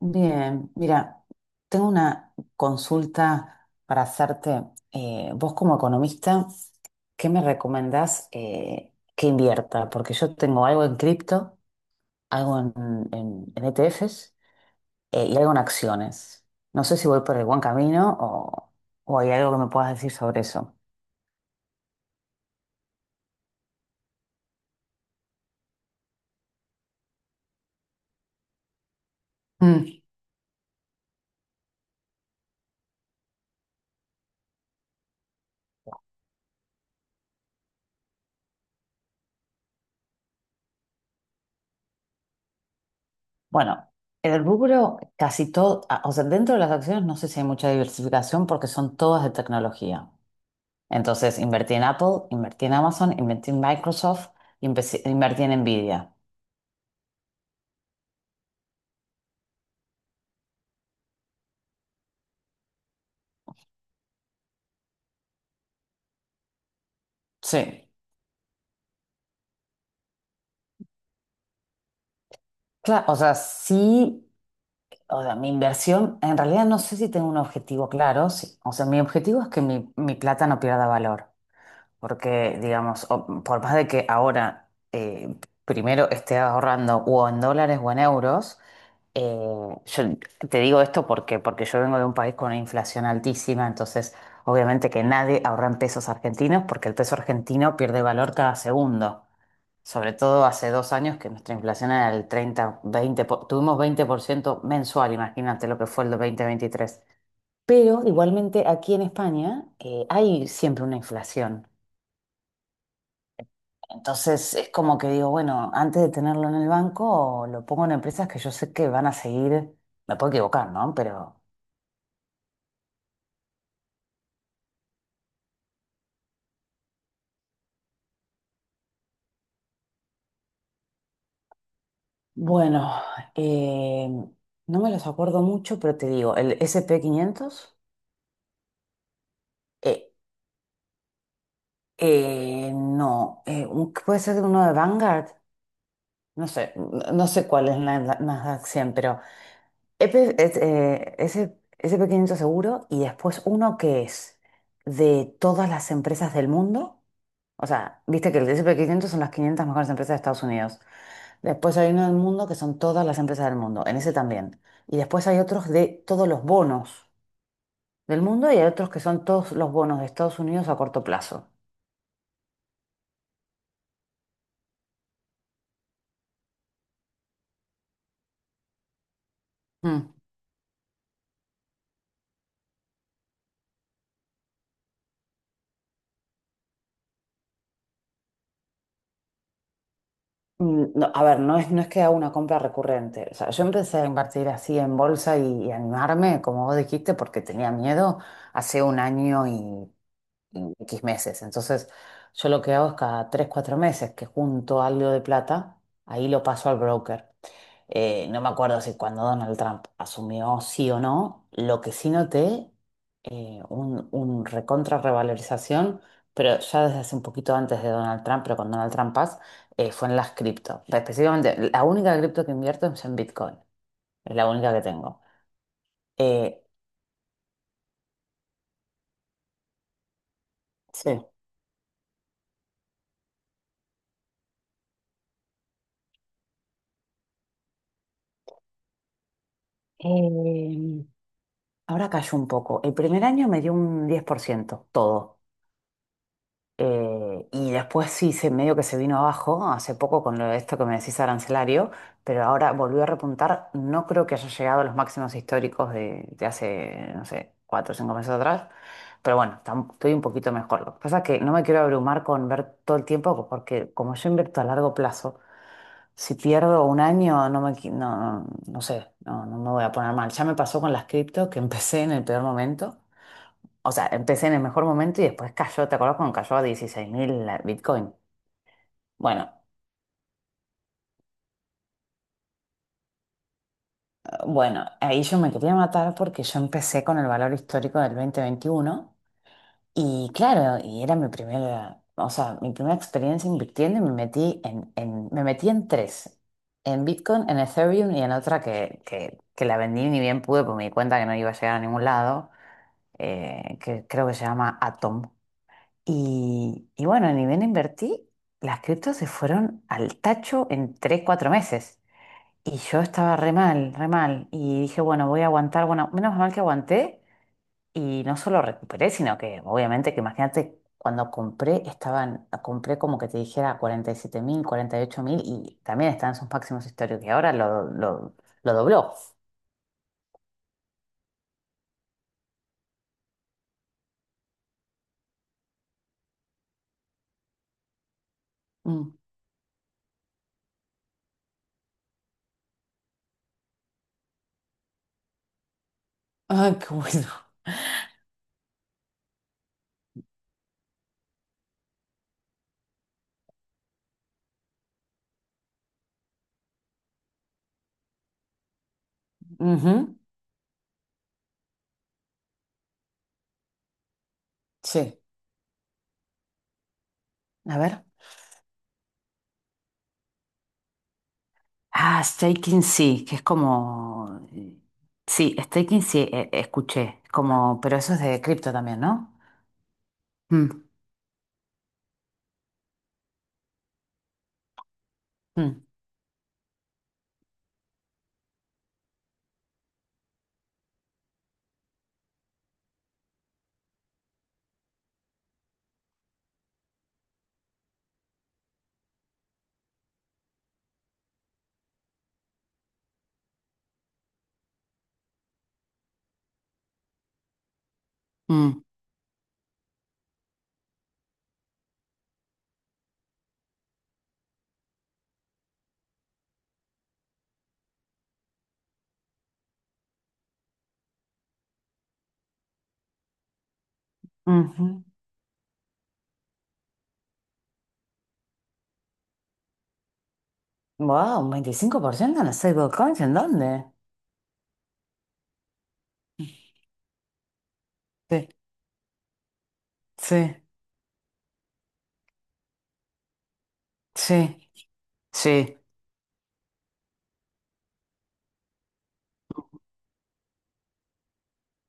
Bien, mira, tengo una consulta para hacerte. Vos como economista, ¿qué me recomendás que invierta? Porque yo tengo algo en cripto, algo en, en ETFs y algo en acciones. No sé si voy por el buen camino o hay algo que me puedas decir sobre eso. Mm. Bueno, el rubro casi todo, ah, o sea, dentro de las acciones no sé si hay mucha diversificación porque son todas de tecnología. Entonces invertí en Apple, invertí en Amazon, invertí en Microsoft, invertí en Nvidia. Sí. Claro, o sea, sí, o sea, mi inversión, en realidad no sé si tengo un objetivo claro. Sí. O sea, mi objetivo es que mi plata no pierda valor. Porque, digamos, por más de que ahora primero esté ahorrando o en dólares o en euros. Yo te digo esto porque yo vengo de un país con una inflación altísima, entonces obviamente que nadie ahorra en pesos argentinos porque el peso argentino pierde valor cada segundo. Sobre todo hace 2 años que nuestra inflación era del 30, 20, tuvimos 20% mensual, imagínate lo que fue el dos de veintitrés. Pero igualmente aquí en España hay siempre una inflación. Entonces es como que digo, bueno, antes de tenerlo en el banco, lo pongo en empresas que yo sé que van a seguir, me puedo equivocar, ¿no? Pero bueno, eh, no me los acuerdo mucho, pero te digo, el sp quinientos, eh, no, puede ser uno de Vanguard, no sé, no sé cuál es la Nasdaq 100, pero EP es, sp quinientos seguro y después uno que es de todas las empresas del mundo, o sea, viste que el sp 500 son las quinientas mejores empresas de Estados Unidos, después hay uno del mundo que son todas las empresas del mundo, en ese también, y después hay otros de todos los bonos del mundo y hay otros que son todos los bonos de Estados Unidos a corto plazo. Mm. Mm, no, a ver, no es que haga una compra recurrente. O sea, yo empecé a invertir así en bolsa y animarme, como vos dijiste, porque tenía miedo hace un año y X meses. Entonces, yo lo que hago es cada tres, cuatro meses que junto algo de plata, ahí lo paso al broker. No me acuerdo si cuando Donald Trump asumió sí o no, lo que sí noté, un recontra revalorización, pero ya desde hace un poquito antes de Donald Trump, pero con Donald Trump Paz, fue en las cripto. Específicamente, la única cripto que invierto es en Bitcoin, es la única que tengo. Eh, sí. Eh, ahora cayó un poco. El primer año me dio un 10% todo. Y después sí, medio que se vino abajo hace poco con lo de esto que me decís arancelario, pero ahora volvió a repuntar. No creo que haya llegado a los máximos históricos de hace, no sé, cuatro o cinco meses atrás. Pero bueno, estoy un poquito mejor. Lo que pasa es que no me quiero abrumar con ver todo el tiempo, porque como yo invierto a largo plazo, si pierdo un año, no me, no, no, no sé, no, no me voy a poner mal. Ya me pasó con las cripto, que empecé en el peor momento. O sea, empecé en el mejor momento y después cayó. ¿Te acuerdas cuando cayó a 16.000 la Bitcoin? Bueno, bueno, ahí yo me quería matar porque yo empecé con el valor histórico del 2021 y claro, y era mi primera, o sea, mi primera experiencia invirtiendo y me metí en, me metí en tres, en Bitcoin, en Ethereum y en otra que la vendí ni bien pude porque me di cuenta que no iba a llegar a ningún lado, que creo que se llama Atom. Y bueno, ni bien invertí, las criptos se fueron al tacho en 3 4 meses. Y yo estaba re mal, re mal. Y dije, bueno, voy a aguantar. Bueno, menos mal que aguanté. Y no solo recuperé, sino que obviamente que imagínate, cuando compré, estaban, compré como que te dijera 47.000, 48.000 y también están en sus máximos históricos. Y ahora lo dobló. Mm. Ay, qué bueno. Ujú. Sí. A ver. Ah, staking sí, que es como... Sí, staking sí, escuché. Como, pero eso es de cripto también, ¿no? Mm, mm, mm, ujú. Wow, un 25% en las stablecoins, ¿en dónde? Sí, sí, sí, sí,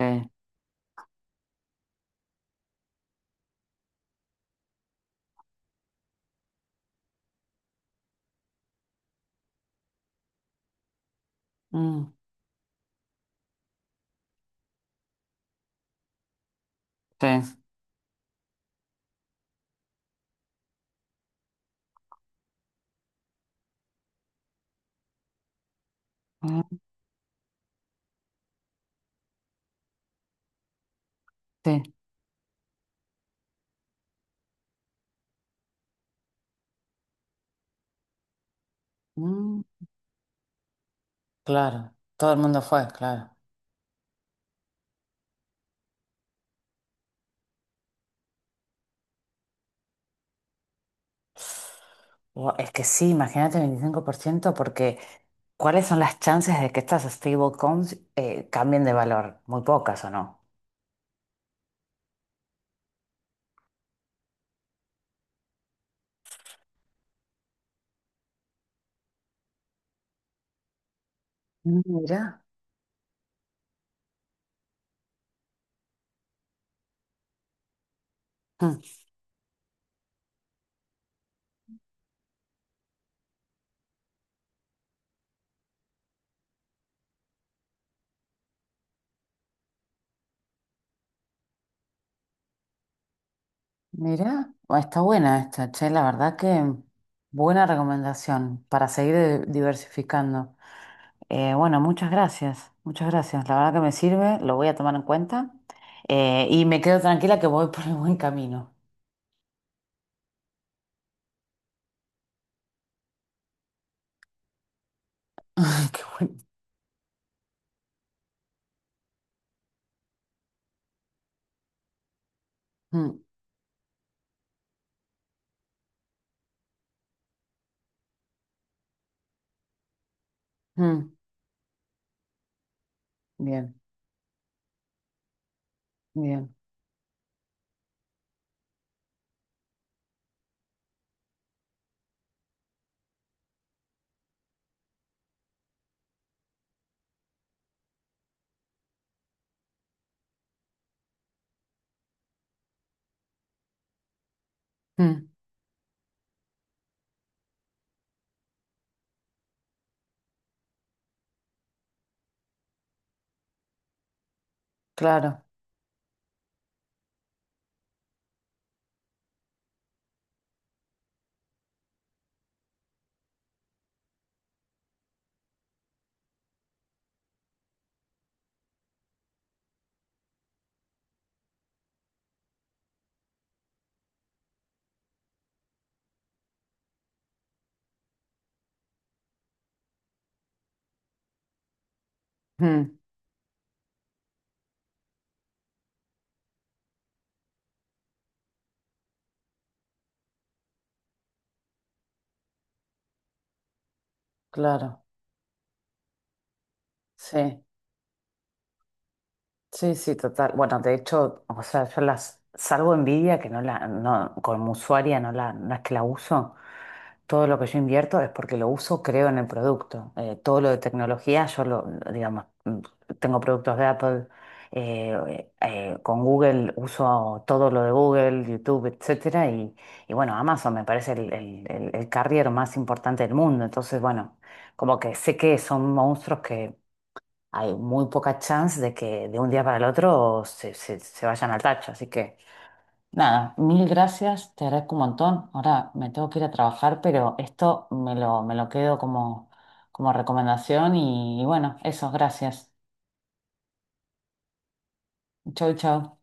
sí, mm, sí, mm, sí, mm, claro, todo el mundo fue, claro. Buah, es que sí, imagínate 25% porque ¿cuáles son las chances de que estas stablecoins cambien de valor? Muy pocas, ¿o no? Mm. Mira. Mm, mira, bueno, está buena esta, che, la verdad que buena recomendación para seguir diversificando. Bueno, muchas gracias, la verdad que me sirve, lo voy a tomar en cuenta y me quedo tranquila que voy por el buen camino. Qué bueno. Mm, mm, bien, bien. Mm, claro. Mm, claro, sí, sí, sí, total. Bueno, de hecho, o sea, yo las salvo envidia que no la, no, como usuaria no la, no es que la uso. Todo lo que yo invierto es porque lo uso, creo en el producto. Todo lo de tecnología, yo lo, digamos, tengo productos de Apple, con Google uso todo lo de Google, YouTube, etcétera, y bueno, Amazon me parece el carrier más importante del mundo. Entonces, bueno, como que sé que son monstruos. Hay muy poca chance de que de un día para el otro se vayan al tacho. Así que nada, mil gracias, te agradezco un montón. Ahora me tengo que ir a trabajar, pero esto me lo quedo como, recomendación y bueno, eso, gracias. Chau, chau.